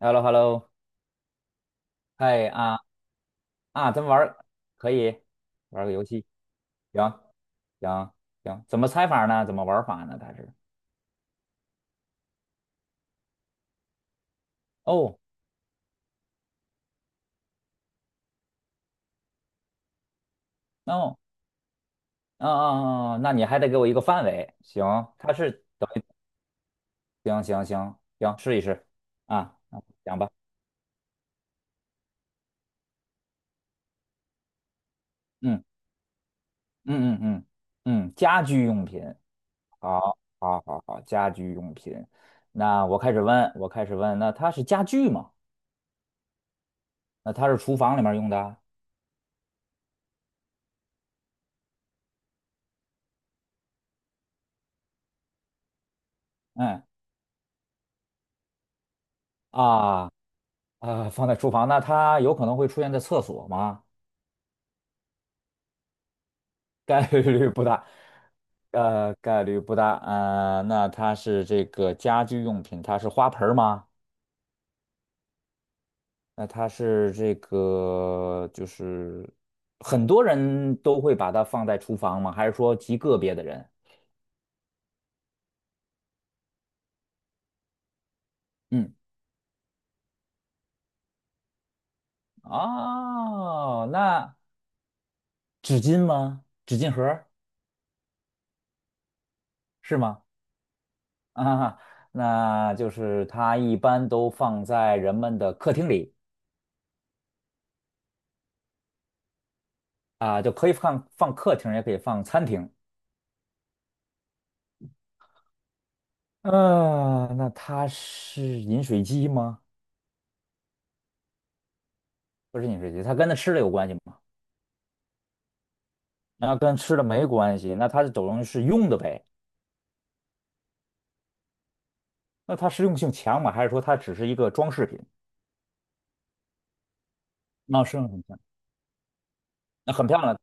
h e l l o h e l l o 嗨啊啊，咱玩儿可以玩儿个游戏，行行行，怎么猜法呢？怎么玩法呢？哦，no，嗯嗯嗯，那你还得给我一个范围，行，它是等行行行行，试一试啊，啊讲吧，嗯嗯嗯嗯嗯，家居用品，好，好，好，好，家居用品，那我开始问，我开始问，那它是家具吗？那它是厨房里面用的？嗯啊，啊，放在厨房，那它有可能会出现在厕所吗？概率不大，概率不大。那它是这个家居用品，它是花盆儿吗？那它是这个，就是很多人都会把它放在厨房吗？还是说极个别的人？嗯，哦，那纸巾吗？纸巾盒儿是吗？啊，那就是它一般都放在人们的客厅里。啊，就可以放客厅，也可以放餐厅。嗯，那它是饮水机吗？不是饮水机，它跟那吃的有关系吗？那跟吃的没关系，那它等于是用的呗？那它实用性强吗？还是说它只是一个装饰品？那实用性强，那很漂亮，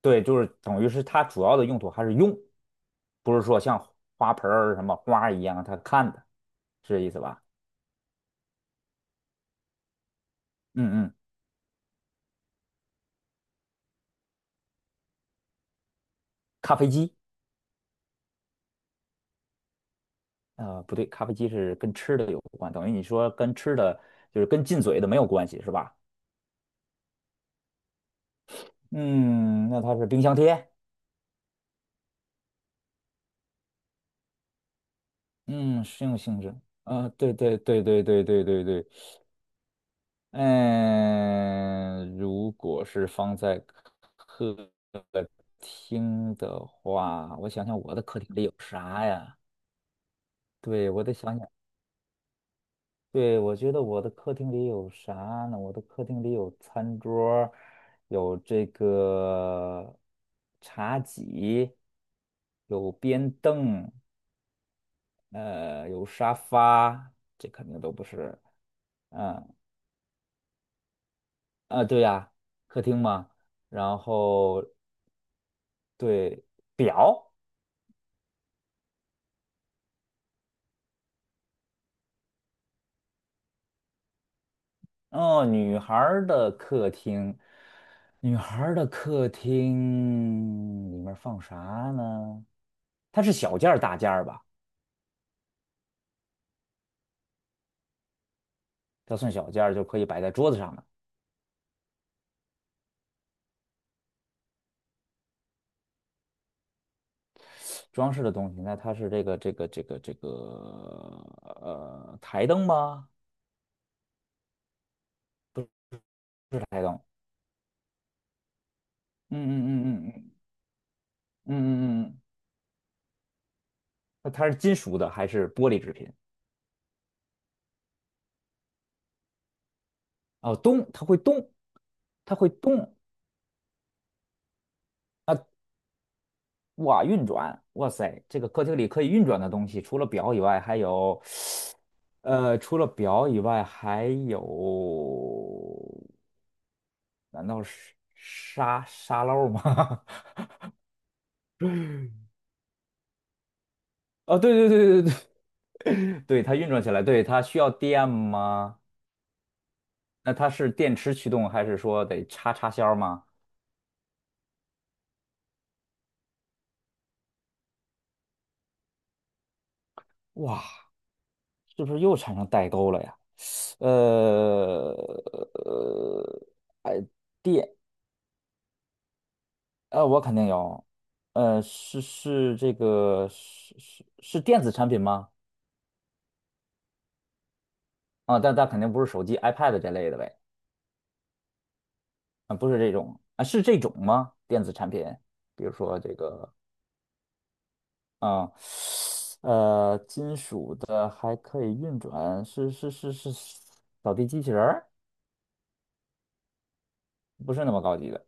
对，就是等于是它主要的用途还是用，不是说像花盆儿什么花儿一样它看的，是这意思吧？嗯嗯，咖啡机不对，咖啡机是跟吃的有关，等于你说跟吃的就是跟进嘴的没有关系是吧？嗯，那它是冰箱贴，嗯，实用性质，啊、对对对对对对对对，嗯、如果是放在客厅的话，我想想我的客厅里有啥呀？对，我得想想。对，我觉得我的客厅里有啥呢？我的客厅里有餐桌儿有这个茶几，有边凳，有沙发，这肯定都不是。嗯啊，对呀，客厅嘛。然后对表，哦，女孩儿的客厅，女孩儿的客厅里面放啥呢？它是小件儿大件儿吧？它算小件儿就可以摆在桌子上的装饰的东西。那它是这个台灯吗？台灯。嗯嗯嗯嗯嗯嗯嗯嗯，那它是金属的还是玻璃制品？哦，动，它会动，它会动啊！哇，运转，哇塞，这个客厅里可以运转的东西，除了表以外，除了表以外，还有，难道是沙漏吗？哦，对对对对对，对它运转起来，对它需要电吗？那它是电池驱动，还是说得插销吗？哇，是不是又产生代沟了呀？呃呃，我肯定有，这个是电子产品吗？啊，但肯定不是手机、iPad 这类的呗，啊，不是这种啊，是这种吗？电子产品，比如说这个。啊，金属的还可以运转，是扫地机器人儿，不是那么高级的。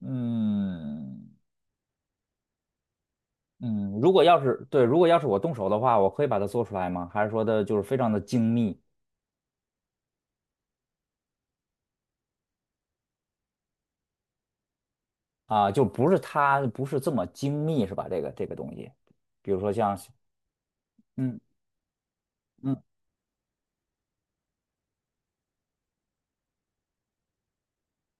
嗯嗯，如果要是我动手的话，我可以把它做出来吗？还是说的就是非常的精密啊？就不是它不是这么精密是吧？这个东西，比如说像嗯嗯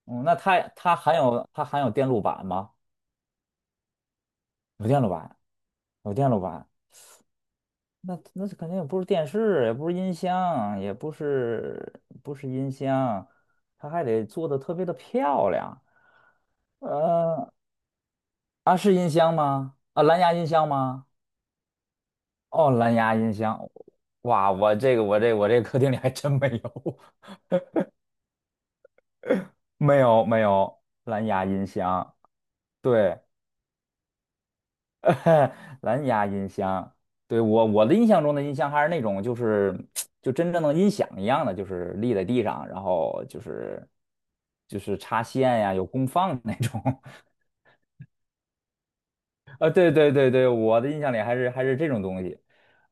嗯，那它含有电路板吗？有电路板，有电路板。那肯定也不是电视，也不是音箱，也不是音箱，它还得做的特别的漂亮。呃，啊，是音箱吗？啊，蓝牙音箱吗？哦，蓝牙音箱。哇，我这个我这我这客厅里还真没有，没有没有蓝牙音箱。对，蓝牙音箱，对，我的印象中的音箱还是那种，就真正的音响一样的，就是立在地上，然后就是插线呀，有功放那种。啊，对对对对，我的印象里还是这种东西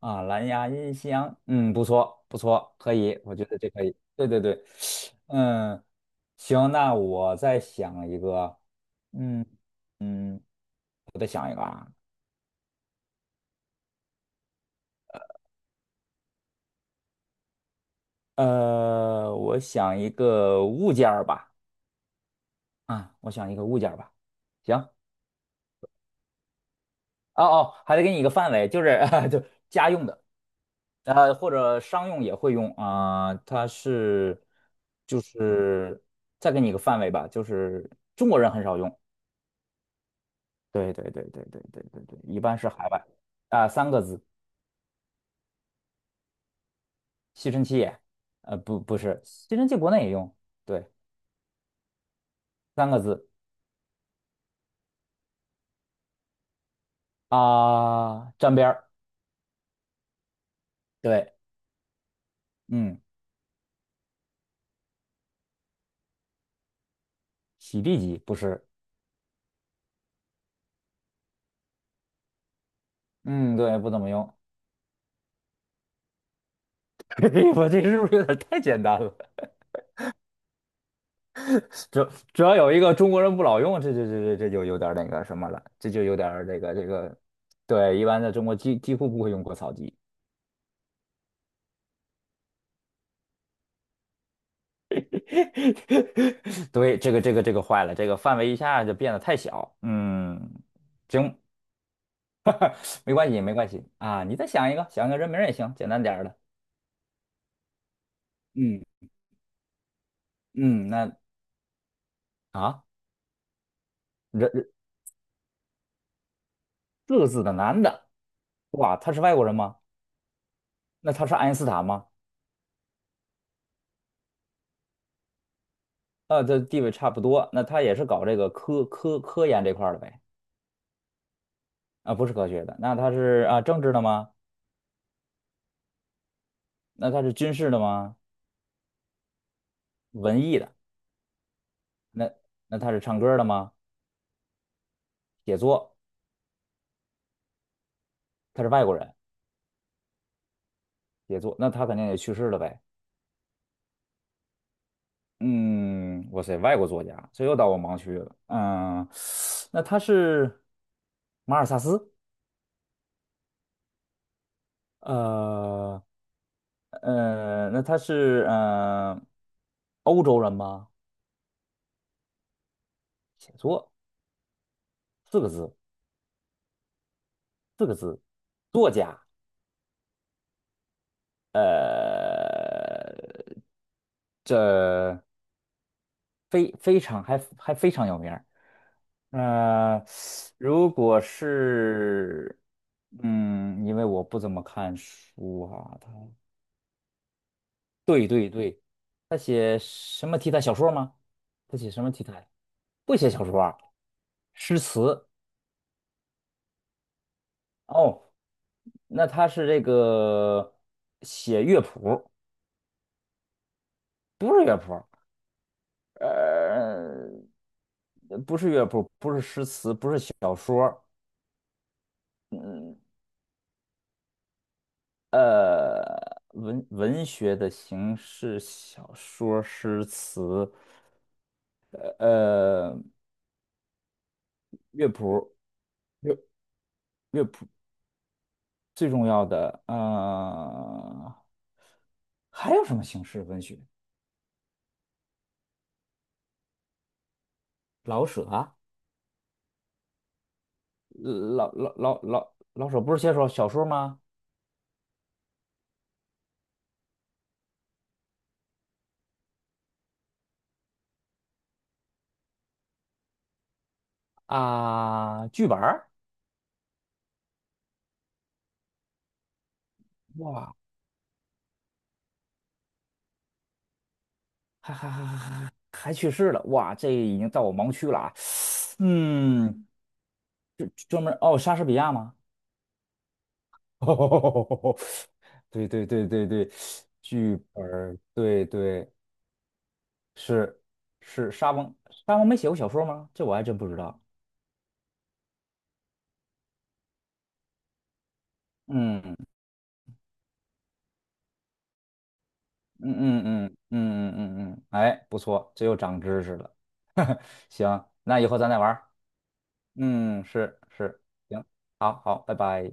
啊，蓝牙音箱，嗯，不错不错，可以，我觉得这可以。对对对，嗯，行，那我再想一个，嗯嗯，我再想一个啊。我想一个物件儿吧，啊，我想一个物件儿吧。行，哦哦，还得给你一个范围，就是 就家用的，或者商用也会用啊，就是再给你一个范围吧，就是中国人很少用。对对对对对对对对，一般是海外啊，三个字，吸尘器不是，吸尘器国内也用，对，三个字啊，沾边儿，对，嗯，洗地机不是。嗯，对，不怎么用。我这是不是有点太简单了？主主要有一个中国人不老用，这就有点那个什么了，这就有点儿这个这个，对，一般在中国几乎不会用割草机。对，这个坏了，这个范围一下就变得太小。嗯，行，没关系没关系啊，你再想一个，想个人名儿也行，简单点儿的。嗯嗯，那啊，人四个字的男的，哇，他是外国人吗？那他是爱因斯坦吗？这地位差不多。那他也是搞这个科研这块儿的呗？啊，不是科学的。那他是啊政治的吗？那他是军事的吗？文艺的？那那他是唱歌的吗？写作？他是外国人，写作。那他肯定也去世了呗。嗯，哇塞，外国作家，这又到我盲区了。嗯，那他是马尔萨斯？呃那他是欧洲人吗？写作四个字，四个字，作家。呃，这非常有名儿。呃，如果是，嗯，因为我不怎么看书啊，他对对对，他写什么题材小说吗？他写什么题材？不写小说啊，诗词哦。那他是这个写乐谱，不是乐谱，呃，不是乐谱，不是诗词，不是小说儿，文学的形式，小说儿、诗词，呃，乐谱儿，乐最重要的，还有什么形式文学？老舍啊，老舍不是写首小说吗？啊，剧本儿，哇，还还还还还去世了，哇，这已经到我盲区了啊，嗯。专专门哦，莎士比亚吗？对对对对对，剧本儿对对是是沙翁，沙翁没写过小说吗？这我还真不知道。嗯嗯嗯嗯嗯嗯嗯嗯，哎，不错，这又长知识了。行，那以后咱再玩儿嗯，是是，行，好好，拜拜。